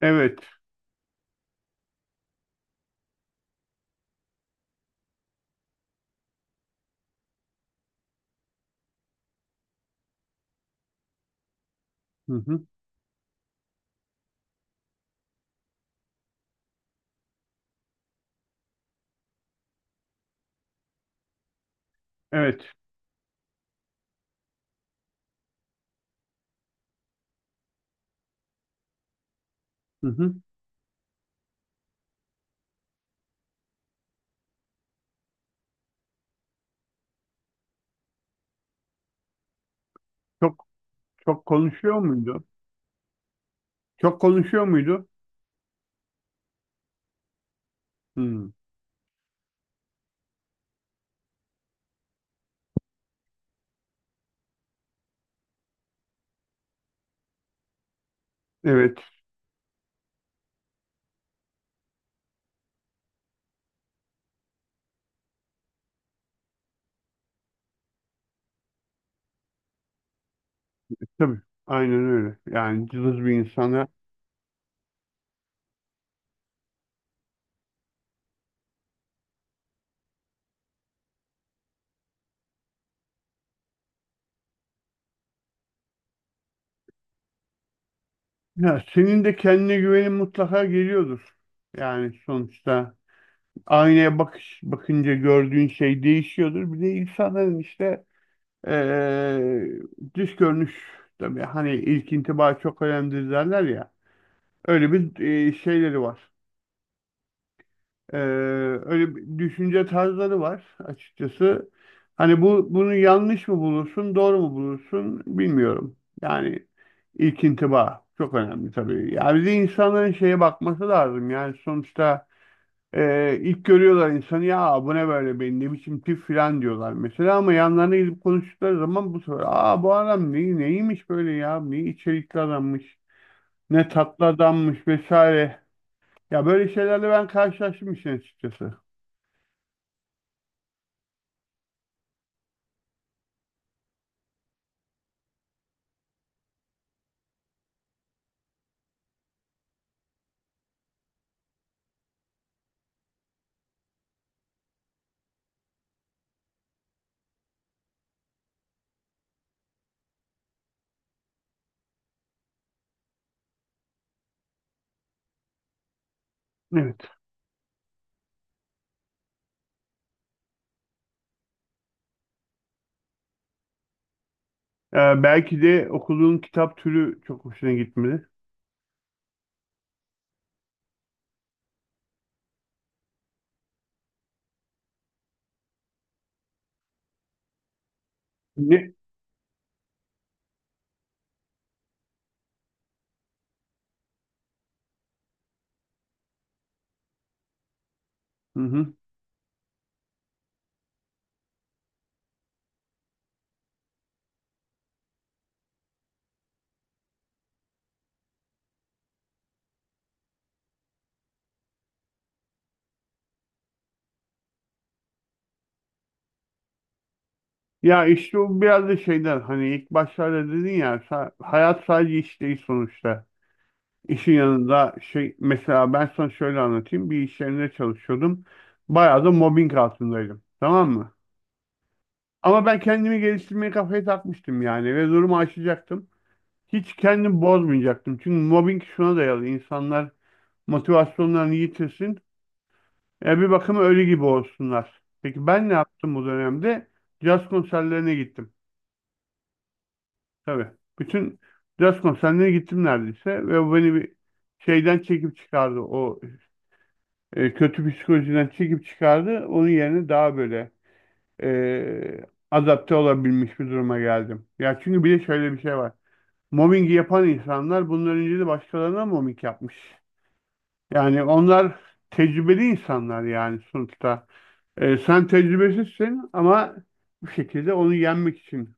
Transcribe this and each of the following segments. Evet. Hı hı. Evet. Hı hı. Çok çok konuşuyor muydu? Çok konuşuyor muydu? Hı. Evet. Tabii. Aynen öyle. Yani cılız bir insana. Ya senin de kendine güvenin mutlaka geliyordur. Yani sonuçta aynaya bakış bakınca gördüğün şey değişiyordur. Bir de insanların işte eee dış görünüş, tabii hani ilk intiba çok önemlidir derler ya. Öyle bir şeyleri var. Ee, öyle bir düşünce tarzları var açıkçası. Hani bunu yanlış mı bulursun, doğru mu bulursun bilmiyorum. Yani ilk intiba çok önemli tabii. Yani bir de insanların şeye bakması lazım. Yani sonuçta ilk görüyorlar insanı, ya bu ne böyle, benim ne biçim tip falan diyorlar mesela, ama yanlarına gidip konuştukları zaman bu sefer aa bu adam ne, neymiş böyle ya, ne içerikli adammış, ne tatlı adammış vesaire. Ya böyle şeylerle ben karşılaştım işin açıkçası. Evet. Belki de okuduğun kitap türü çok hoşuna gitmedi. Ne? Hı hı. Ya işte o biraz da şeyden, hani ilk başlarda dedin ya hayat sadece iş değil sonuçta. İşin yanında şey, mesela ben sana şöyle anlatayım. Bir iş yerinde çalışıyordum. Bayağı da mobbing altındaydım. Tamam mı? Ama ben kendimi geliştirmeye kafaya takmıştım yani ve durumu aşacaktım. Hiç kendimi bozmayacaktım. Çünkü mobbing şuna dayalı: İnsanlar motivasyonlarını yitirsin. Bir bakıma ölü gibi olsunlar. Peki ben ne yaptım bu dönemde? Caz konserlerine gittim. Tabii. Bütün caz konserlerine gittim neredeyse. Ve bu beni bir şeyden çekip çıkardı. O kötü psikolojiden çekip çıkardı. Onun yerine daha böyle e, adapte olabilmiş bir duruma geldim. Ya çünkü bir de şöyle bir şey var. Mobbingi yapan insanlar bundan önce de başkalarına mobbing yapmış. Yani onlar tecrübeli insanlar yani sonuçta. Sen tecrübesizsin ama bu şekilde onu yenmek için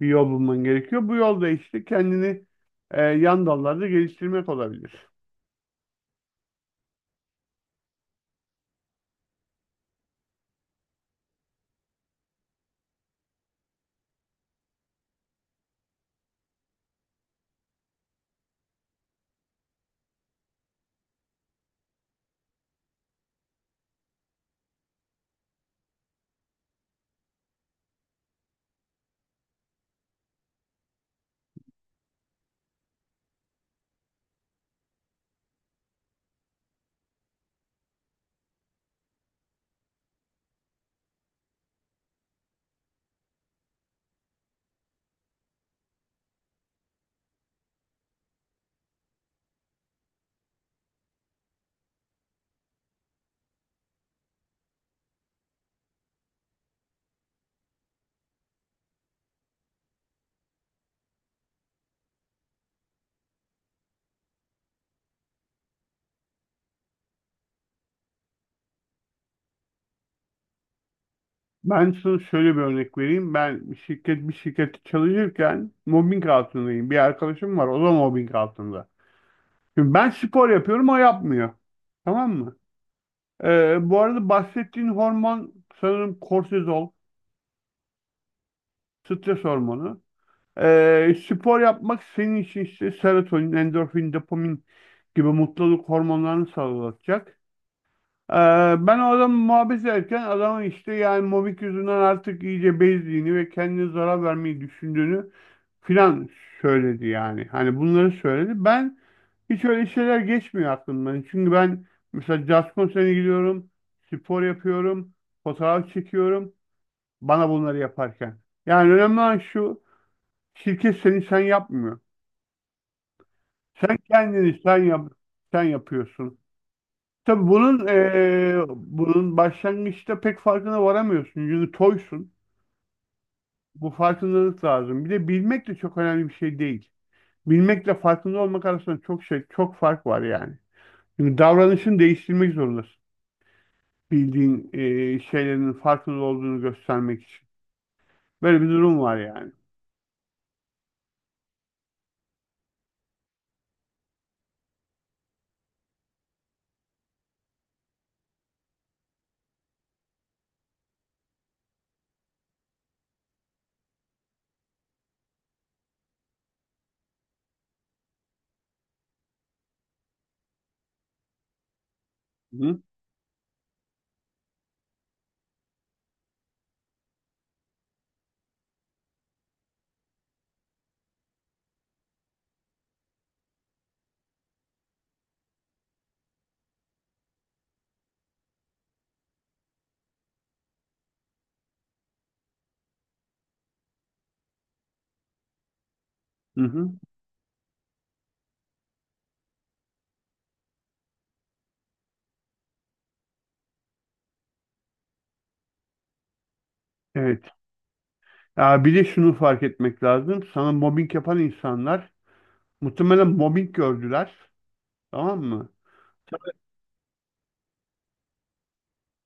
bir yol bulman gerekiyor. Bu yolda işte kendini yan dallarda geliştirmek olabilir. Ben sana şöyle bir örnek vereyim. Ben bir şirkette çalışırken mobbing altındayım. Bir arkadaşım var, o da mobbing altında. Şimdi ben spor yapıyorum, o yapmıyor. Tamam mı? Bu arada bahsettiğin hormon sanırım kortizol, stres hormonu. Spor yapmak senin için işte serotonin, endorfin, dopamin gibi mutluluk hormonlarını sağlayacak. Ee, ben o adamı muhabbet ederken adamın işte yani mobik yüzünden artık iyice bezdiğini ve kendine zarar vermeyi düşündüğünü filan söyledi yani. Hani bunları söyledi. Ben hiç öyle şeyler geçmiyor aklımdan. Çünkü ben mesela jazz konserine gidiyorum, spor yapıyorum, fotoğraf çekiyorum bana bunları yaparken. Yani önemli olan şu: şirket seni sen yapmıyor. Sen kendini sen yap, sen yapıyorsun. Tabii bunun başlangıçta pek farkına varamıyorsun. Çünkü toysun. Bu farkındalık lazım. Bir de bilmek de çok önemli bir şey değil. Bilmekle farkında olmak arasında çok şey, çok fark var yani. Çünkü davranışını değiştirmek zorundasın. Bildiğin şeylerin farkında olduğunu göstermek için. Böyle bir durum var yani. Hı hı. Hı. Evet. Ya bir de şunu fark etmek lazım. Sana mobbing yapan insanlar muhtemelen mobbing gördüler. Tamam mı?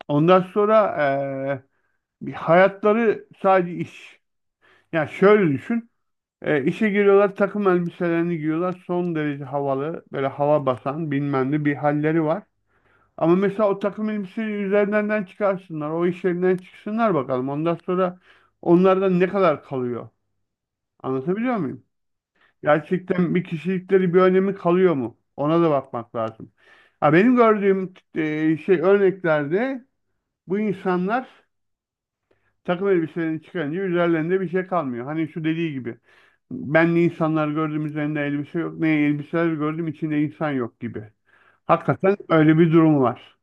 Ondan sonra eee, bir hayatları sadece iş. Yani şöyle düşün. İşe giriyorlar, takım elbiselerini giyiyorlar. Son derece havalı, böyle hava basan bilmem ne bir halleri var. Ama mesela o takım elbiseyi üzerinden çıkarsınlar. O iş yerinden çıksınlar bakalım. Ondan sonra onlardan ne kadar kalıyor? Anlatabiliyor muyum? Gerçekten bir kişilikleri, bir önemi kalıyor mu? Ona da bakmak lazım. Ha, benim gördüğüm şey örneklerde bu insanlar takım elbiselerini çıkarınca üzerlerinde bir şey kalmıyor. Hani şu dediği gibi. Benli insanlar gördüm üzerinde elbise yok. Ne elbiseler gördüm içinde insan yok gibi. Hakikaten öyle bir durum var.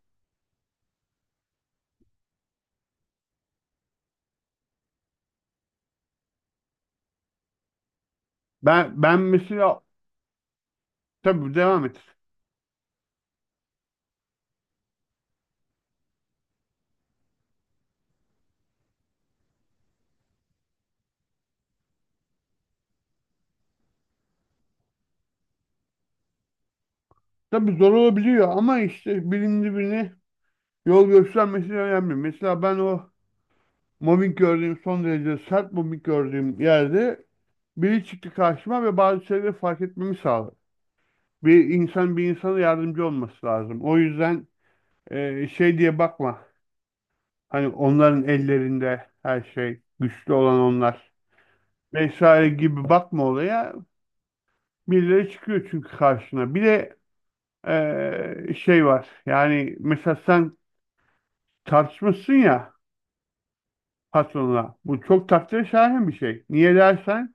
Ben mesela, tabii devam et. Tabii zor olabiliyor ama işte birinin birine yol göstermesi önemli. Mesela ben o mobbing gördüğüm, son derece sert mobbing gördüğüm yerde biri çıktı karşıma ve bazı şeyleri fark etmemi sağladı. Bir insan bir insana yardımcı olması lazım. O yüzden şey diye bakma. Hani onların ellerinde her şey, güçlü olan onlar vesaire gibi bakma olaya. Birileri çıkıyor çünkü karşına. Bir de şey var. Yani mesela sen tartışmışsın ya patronla. Bu çok takdire şayan bir şey. Niye dersen?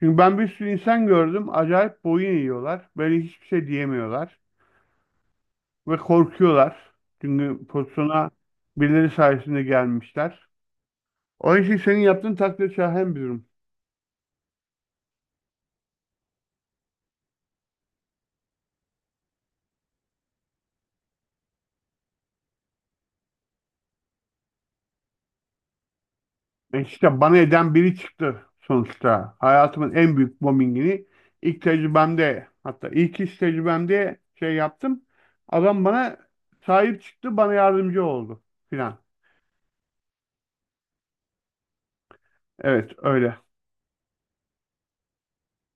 Çünkü ben bir sürü insan gördüm. Acayip boyun eğiyorlar. Böyle hiçbir şey diyemiyorlar. Ve korkuyorlar. Çünkü pozisyona birileri sayesinde gelmişler. O işi senin yaptığın takdir şayan bir durum. E, İşte bana eden biri çıktı sonuçta. Hayatımın en büyük bombingini ilk tecrübemde, hatta ilk iş tecrübemde şey yaptım. Adam bana sahip çıktı, bana yardımcı oldu filan. Evet öyle.